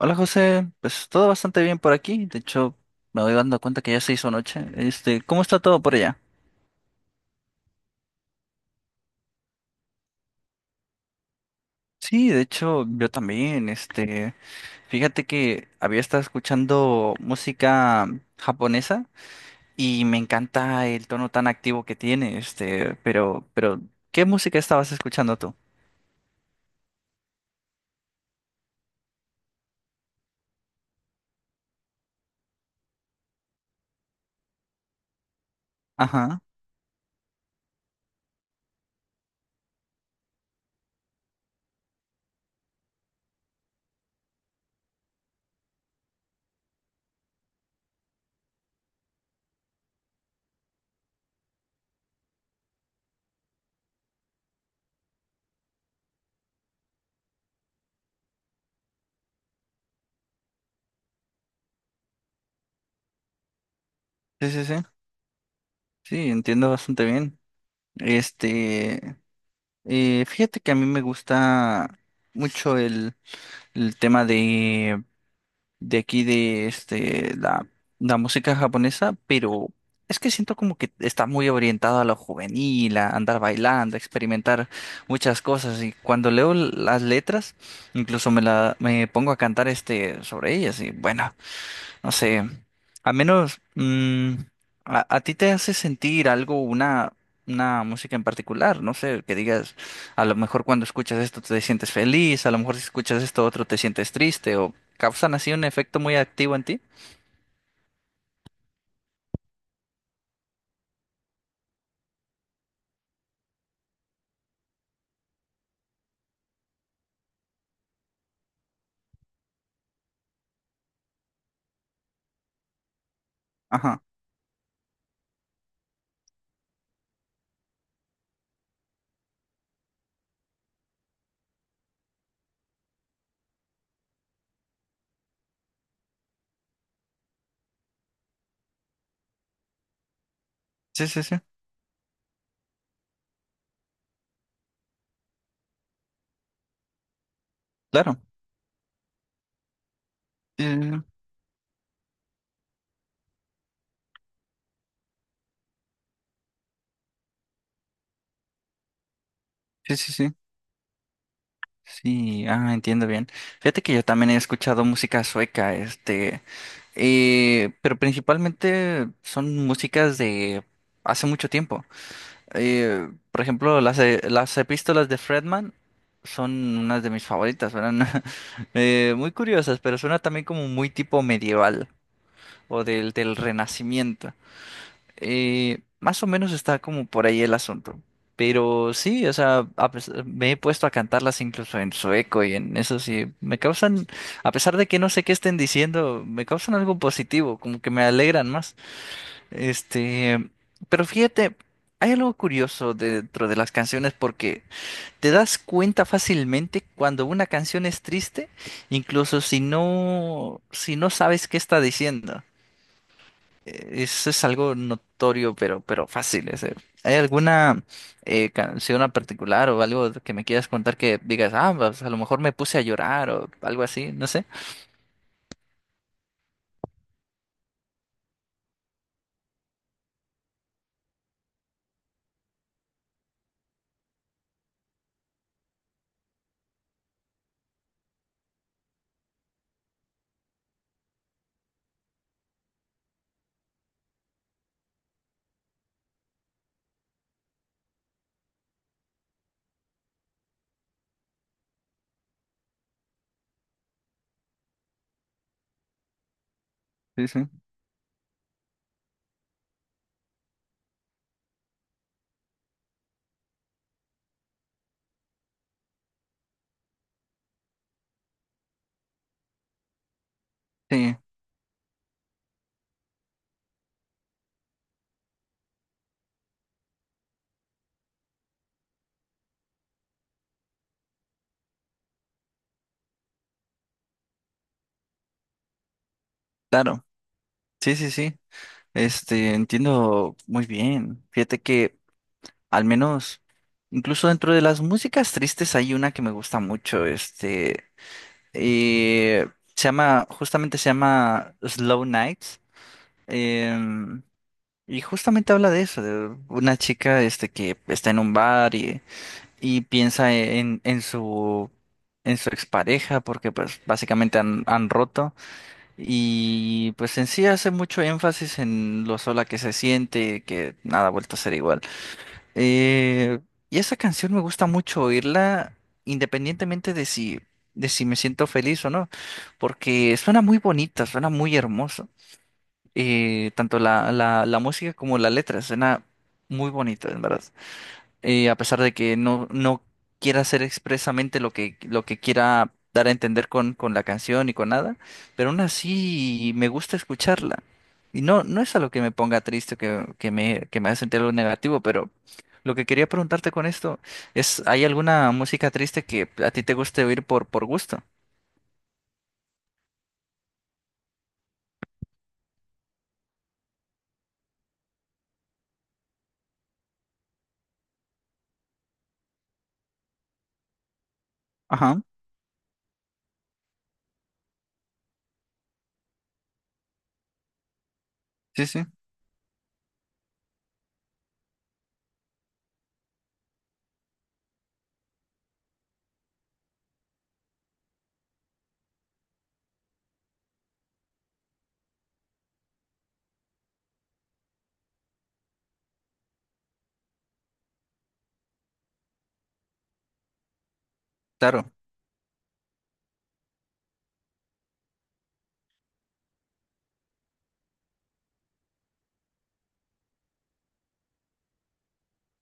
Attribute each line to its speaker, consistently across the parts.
Speaker 1: Hola José, pues todo bastante bien por aquí. De hecho, me voy dando cuenta que ya se hizo noche. ¿Cómo está todo por allá? Sí, de hecho, yo también. Fíjate que había estado escuchando música japonesa y me encanta el tono tan activo que tiene. Pero, ¿qué música estabas escuchando tú? Ajá, sí, sí, sí. Sí, entiendo bastante bien. Este, Fíjate que a mí me gusta mucho el tema de aquí de la música japonesa, pero es que siento como que está muy orientado a lo juvenil, a andar bailando, a experimentar muchas cosas. Y cuando leo las letras, incluso me pongo a cantar sobre ellas. Y bueno, no sé, al menos a ti te hace sentir algo, una música en particular, no sé, que digas, a lo mejor cuando escuchas esto te sientes feliz, a lo mejor si escuchas esto otro te sientes triste, o causan así un efecto muy activo en ti. Ajá, sí, sí, sí, claro. Eh, Sí, sí, sí, sí, sí. Sí, ah, entiendo bien. Fíjate que yo también he escuchado música sueca, pero principalmente son músicas de hace mucho tiempo. Por ejemplo, las epístolas de Fredman son unas de mis favoritas, eran muy curiosas, pero suena también como muy tipo medieval o del Renacimiento. Más o menos está como por ahí el asunto. Pero sí, o sea, me he puesto a cantarlas incluso en sueco y en eso sí, me causan, a pesar de que no sé qué estén diciendo, me causan algo positivo, como que me alegran más. Este, pero fíjate, hay algo curioso dentro de las canciones porque te das cuenta fácilmente cuando una canción es triste, incluso si no sabes qué está diciendo. Eso es algo notorio, pero fácil. ¿Hay alguna canción en particular o algo que me quieras contar que digas, ah, pues, a lo mejor me puse a llorar o algo así? No sé. Sí, sí. Sí, claro. Sí, sí, sí. Entiendo muy bien. Fíjate que al menos, incluso dentro de las músicas tristes hay una que me gusta mucho, eh, se llama, justamente se llama Slow Nights, em, y justamente habla de eso, de una chica, que está en un bar y piensa en en su expareja, porque pues básicamente han roto, y pues en sí hace mucho énfasis en lo sola que se siente, que nada ha vuelto a ser igual. Eh, y esa canción me gusta mucho oírla independientemente de si me siento feliz o no, porque suena muy bonita, suena muy hermoso. Tanto la música como la letra suena muy bonita, en verdad, a pesar de que no quiera hacer expresamente lo que quiera dar a entender con la canción y con nada, pero aún así me gusta escucharla. Y no, no es algo que me ponga triste, que me haga sentir algo negativo, pero lo que quería preguntarte con esto es, ¿hay alguna música triste que a ti te guste oír por gusto? Ajá, sí, sí, claro,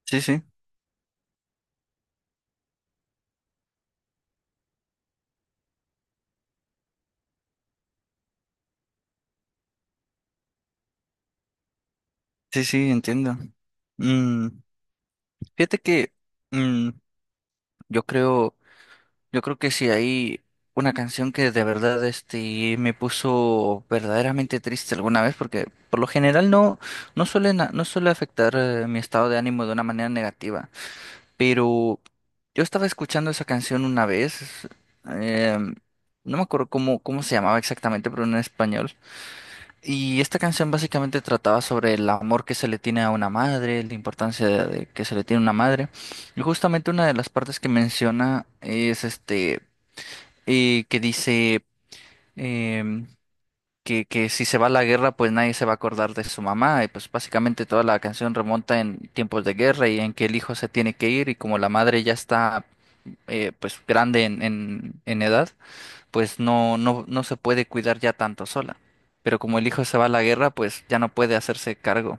Speaker 1: sí, sí, sí, sí, entiendo. Mm, Fíjate que mm, yo creo... Yo creo que si hay una canción que de verdad me puso verdaderamente triste alguna vez, porque por lo general no suele afectar mi estado de ánimo de una manera negativa. Pero yo estaba escuchando esa canción una vez, eh, no me acuerdo cómo se llamaba exactamente, pero en español. Y esta canción básicamente trataba sobre el amor que se le tiene a una madre, la importancia de que se le tiene a una madre. Y justamente una de las partes que menciona es y que dice em, que si se va a la guerra, pues nadie se va a acordar de su mamá. Y pues básicamente toda la canción remonta en tiempos de guerra y en que el hijo se tiene que ir y como la madre ya está pues grande en edad, pues no se puede cuidar ya tanto sola. Pero como el hijo se va a la guerra, pues ya no puede hacerse cargo.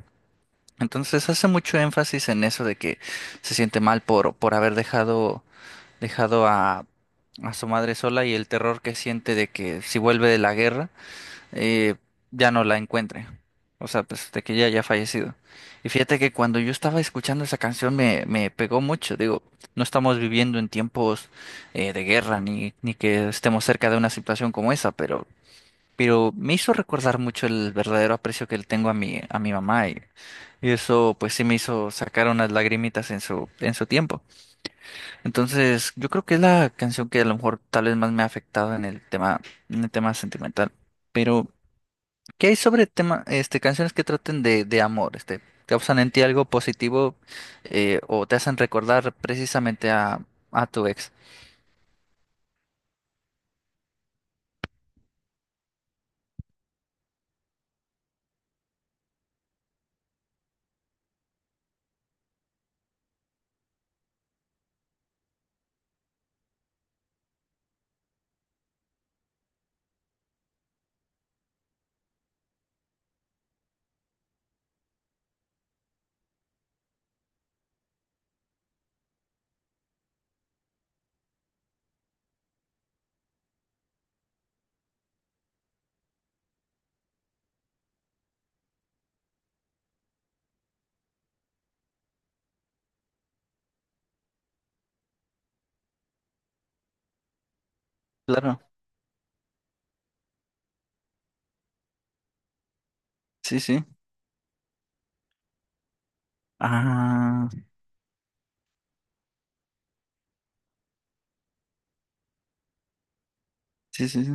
Speaker 1: Entonces hace mucho énfasis en eso de que se siente mal por haber dejado a su madre sola y el terror que siente de que si vuelve de la guerra, eh, ya no la encuentre. O sea, pues de que ella ya ha fallecido. Y fíjate que cuando yo estaba escuchando esa canción me pegó mucho. Digo, no estamos viviendo en tiempos de guerra ni que estemos cerca de una situación como esa, pero me hizo recordar mucho el verdadero aprecio que le tengo a a mi mamá y eso pues sí me hizo sacar unas lagrimitas en su tiempo. Entonces, yo creo que es la canción que a lo mejor tal vez más me ha afectado en en el tema sentimental. Pero, ¿qué hay sobre tema, canciones que traten de amor? ¿Causan en ti algo positivo o te hacen recordar precisamente a tu ex? Claro, sí, sí. Ah, sí, sí, sí.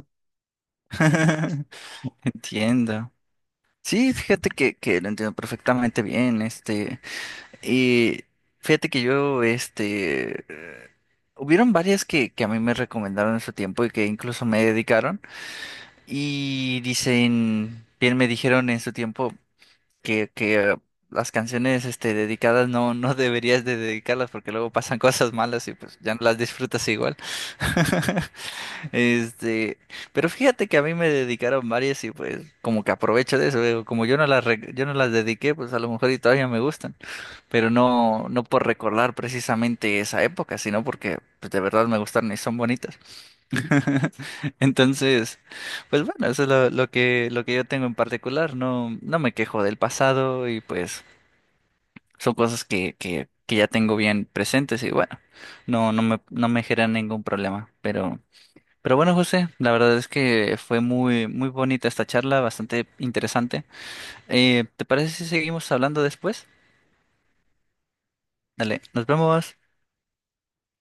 Speaker 1: Entiendo. Sí, fíjate que lo entiendo perfectamente bien. Y fíjate que yo, hubieron varias que a mí me recomendaron en su tiempo y que incluso me dedicaron. Y dicen, bien me dijeron en su tiempo que las canciones, dedicadas no deberías de dedicarlas porque luego pasan cosas malas y pues ya no las disfrutas igual. Este, pero fíjate que a mí me dedicaron varias y pues como que aprovecho de eso. Digo, como yo yo no las dediqué, pues a lo mejor y todavía me gustan pero no por recordar precisamente esa época, sino porque pues, de verdad me gustaron y son bonitas. Entonces, pues bueno, eso es lo que yo tengo en particular. No, no me quejo del pasado y pues son cosas que ya tengo bien presentes y bueno, no me generan ningún problema. Pero bueno, José, la verdad es que fue muy, muy bonita esta charla, bastante interesante. ¿Te parece si seguimos hablando después? Dale, nos vemos.